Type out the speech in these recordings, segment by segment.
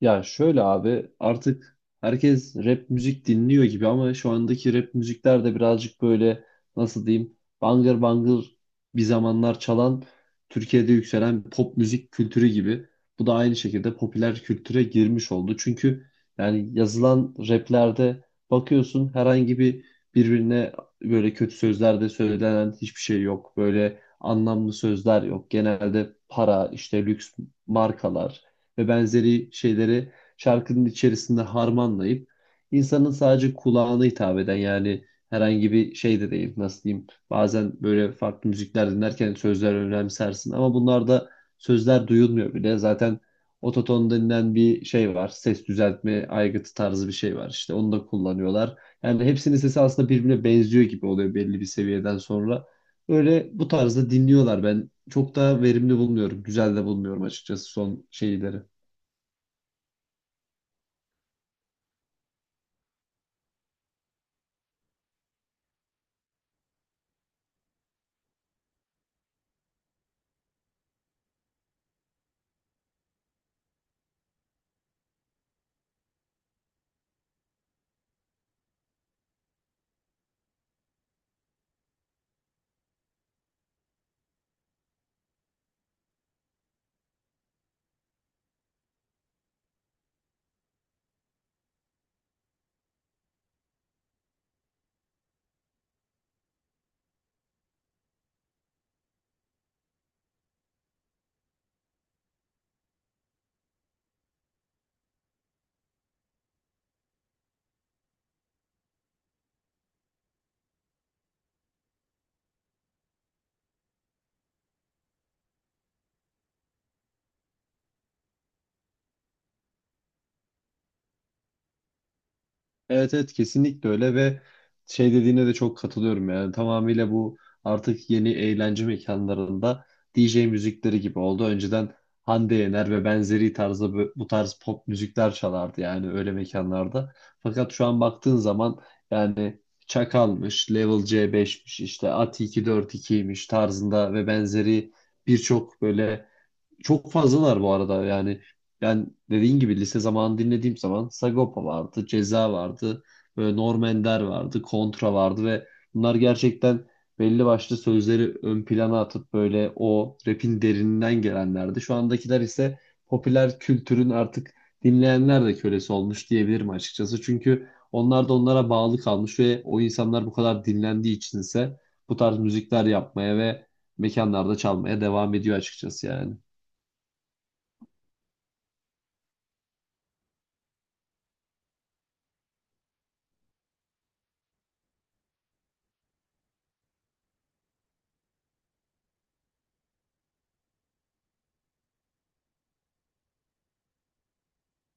Ya şöyle abi, artık herkes rap müzik dinliyor gibi ama şu andaki rap müzikler de birazcık böyle, nasıl diyeyim, bangır bangır bir zamanlar çalan Türkiye'de yükselen pop müzik kültürü gibi. Bu da aynı şekilde popüler kültüre girmiş oldu. Çünkü yani yazılan raplerde bakıyorsun herhangi bir birbirine böyle kötü sözler de söylenen hiçbir şey yok. Böyle anlamlı sözler yok. Genelde para, işte lüks markalar ve benzeri şeyleri şarkının içerisinde harmanlayıp insanın sadece kulağına hitap eden, yani herhangi bir şey de değil. Nasıl diyeyim, bazen böyle farklı müzikler dinlerken sözler önemsersin ama bunlarda sözler duyulmuyor bile zaten. Ototon denilen bir şey var, ses düzeltme aygıtı tarzı bir şey var, işte onu da kullanıyorlar. Yani hepsinin sesi aslında birbirine benziyor gibi oluyor belli bir seviyeden sonra. Öyle bu tarzda dinliyorlar. Ben çok da verimli bulmuyorum, güzel de bulmuyorum açıkçası son şeyleri. Evet evet, kesinlikle öyle. Ve şey dediğine de çok katılıyorum, yani tamamıyla bu artık yeni eğlence mekanlarında DJ müzikleri gibi oldu. Önceden Hande Yener ve benzeri tarzda bu tarz pop müzikler çalardı yani öyle mekanlarda. Fakat şu an baktığın zaman yani Çakal'mış, Level C5'miş, işte AT242'ymiş tarzında ve benzeri birçok böyle, çok fazlalar bu arada yani. Ben dediğin gibi lise zamanı dinlediğim zaman Sagopa vardı, Ceza vardı, böyle Norm Ender vardı, Kontra vardı ve bunlar gerçekten belli başlı sözleri ön plana atıp böyle o rap'in derininden gelenlerdi. Şu andakiler ise popüler kültürün artık dinleyenler de kölesi olmuş diyebilirim açıkçası. Çünkü onlar da onlara bağlı kalmış ve o insanlar bu kadar dinlendiği için ise bu tarz müzikler yapmaya ve mekanlarda çalmaya devam ediyor açıkçası yani.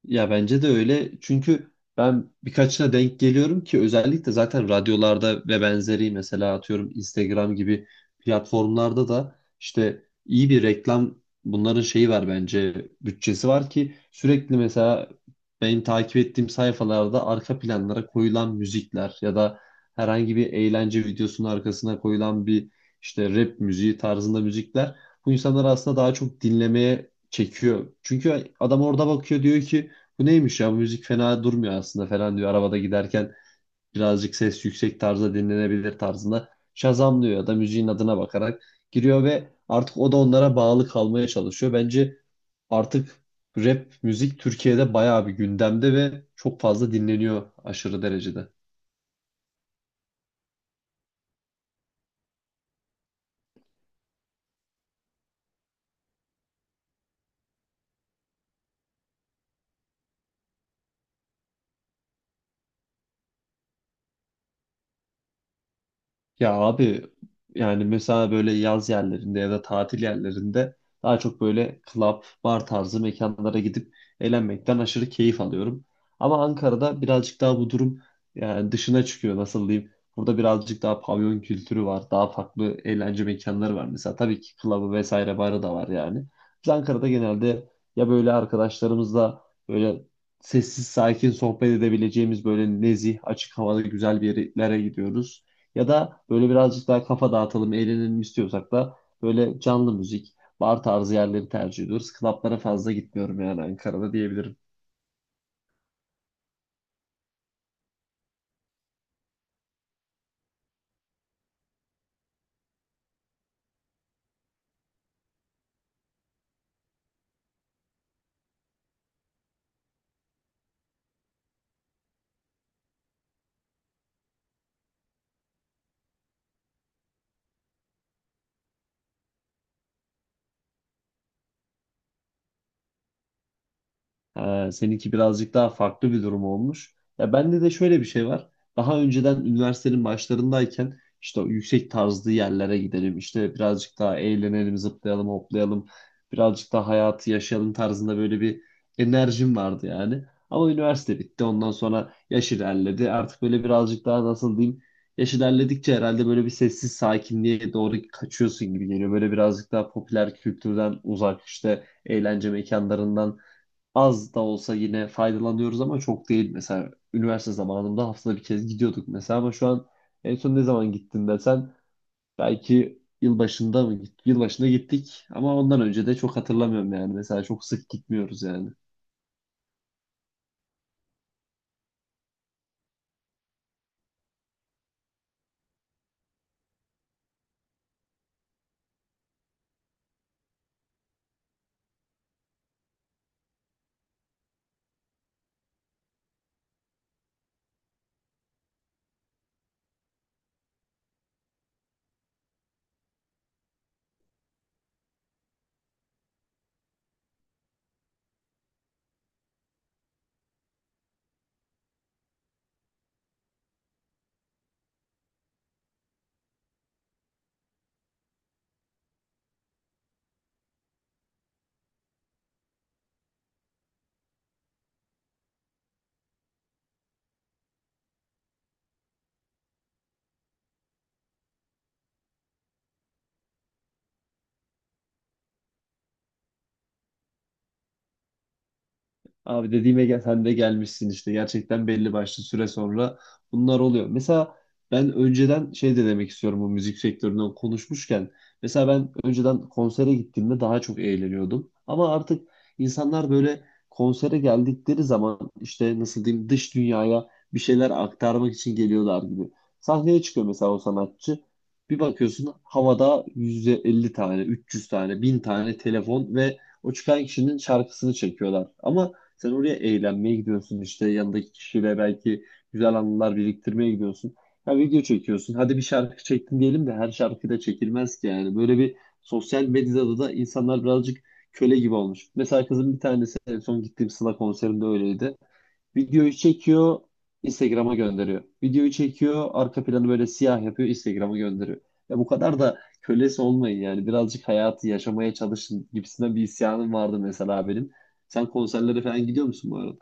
Ya bence de öyle. Çünkü ben birkaçına denk geliyorum ki, özellikle zaten radyolarda ve benzeri, mesela atıyorum Instagram gibi platformlarda da işte iyi bir reklam bunların şeyi var bence, bütçesi var ki sürekli mesela benim takip ettiğim sayfalarda arka planlara koyulan müzikler ya da herhangi bir eğlence videosunun arkasına koyulan bir işte rap müziği tarzında müzikler bu insanları aslında daha çok dinlemeye çekiyor. Çünkü adam orada bakıyor diyor ki bu neymiş ya, bu müzik fena durmuyor aslında falan diyor. Arabada giderken birazcık ses yüksek tarzda dinlenebilir tarzında şazamlıyor ya da müziğin adına bakarak giriyor ve artık o da onlara bağlı kalmaya çalışıyor. Bence artık rap müzik Türkiye'de bayağı bir gündemde ve çok fazla dinleniyor aşırı derecede. Ya abi, yani mesela böyle yaz yerlerinde ya da tatil yerlerinde daha çok böyle club, bar tarzı mekanlara gidip eğlenmekten aşırı keyif alıyorum. Ama Ankara'da birazcık daha bu durum yani dışına çıkıyor, nasıl diyeyim. Burada birazcık daha pavyon kültürü var. Daha farklı eğlence mekanları var. Mesela tabii ki club'ı vesaire, barı da var yani. Biz Ankara'da genelde ya böyle arkadaşlarımızla böyle sessiz sakin sohbet edebileceğimiz böyle nezih, açık havada güzel bir yerlere gidiyoruz. Ya da böyle birazcık daha kafa dağıtalım, eğlenelim istiyorsak da böyle canlı müzik, bar tarzı yerleri tercih ediyoruz. Klaplara fazla gitmiyorum yani Ankara'da diyebilirim. Seninki birazcık daha farklı bir durum olmuş. Ya bende de şöyle bir şey var. Daha önceden üniversitenin başlarındayken işte o yüksek tarzlı yerlere gidelim, işte birazcık daha eğlenelim, zıplayalım, hoplayalım. Birazcık daha hayatı yaşayalım tarzında böyle bir enerjim vardı yani. Ama üniversite bitti. Ondan sonra yaş ilerledi. Artık böyle birazcık daha nasıl diyeyim? Yaş ilerledikçe herhalde böyle bir sessiz sakinliğe doğru kaçıyorsun gibi geliyor. Böyle birazcık daha popüler kültürden uzak işte eğlence mekanlarından az da olsa yine faydalanıyoruz ama çok değil. Mesela üniversite zamanında haftada bir kez gidiyorduk mesela, ama şu an en son ne zaman gittin desen belki yılbaşında mı gittik? Yılbaşında gittik ama ondan önce de çok hatırlamıyorum yani. Mesela çok sık gitmiyoruz yani. Abi dediğime gel, sen de gelmişsin işte. Gerçekten belli başlı süre sonra bunlar oluyor. Mesela ben önceden şey de demek istiyorum bu müzik sektöründen konuşmuşken. Mesela ben önceden konsere gittiğimde daha çok eğleniyordum. Ama artık insanlar böyle konsere geldikleri zaman işte nasıl diyeyim dış dünyaya bir şeyler aktarmak için geliyorlar gibi. Sahneye çıkıyor mesela o sanatçı. Bir bakıyorsun havada 150 tane, 300 tane, 1000 tane telefon ve o çıkan kişinin şarkısını çekiyorlar. Ama sen oraya eğlenmeye gidiyorsun, işte yanındaki kişiyle belki güzel anılar biriktirmeye gidiyorsun. Ya video çekiyorsun. Hadi bir şarkı çektin diyelim de her şarkı da çekilmez ki yani. Böyle bir sosyal medyada da insanlar birazcık köle gibi olmuş. Mesela kızın bir tanesi en son gittiğim Sıla konserinde öyleydi. Videoyu çekiyor, Instagram'a gönderiyor. Videoyu çekiyor, arka planı böyle siyah yapıyor, Instagram'a gönderiyor. Ya bu kadar da kölesi olmayın yani. Birazcık hayatı yaşamaya çalışın gibisinden bir isyanım vardı mesela benim. Sen konserlere falan gidiyor musun bu arada?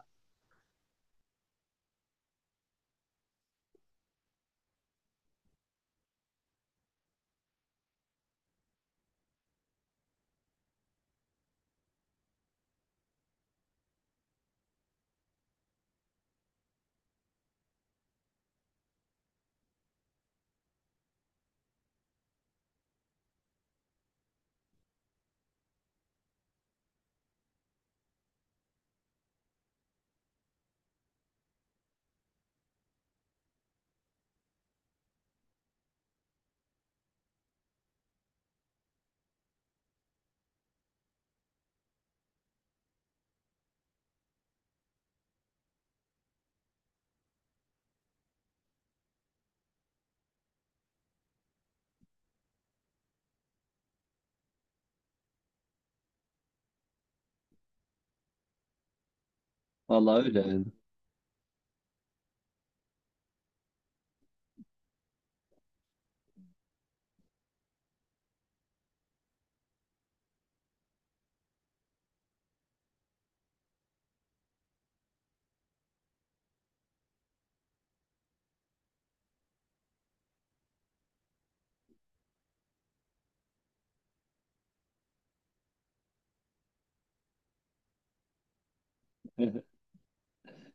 Vallahi öyle yani.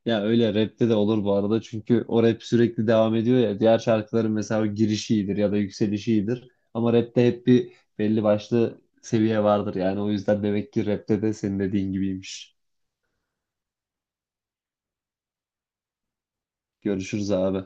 Ya öyle rapte de olur bu arada çünkü o rap sürekli devam ediyor ya. Diğer şarkıların mesela o girişi iyidir ya da yükselişi iyidir. Ama rapte hep bir belli başlı seviye vardır yani. O yüzden demek ki rapte de senin dediğin gibiymiş. Görüşürüz abi.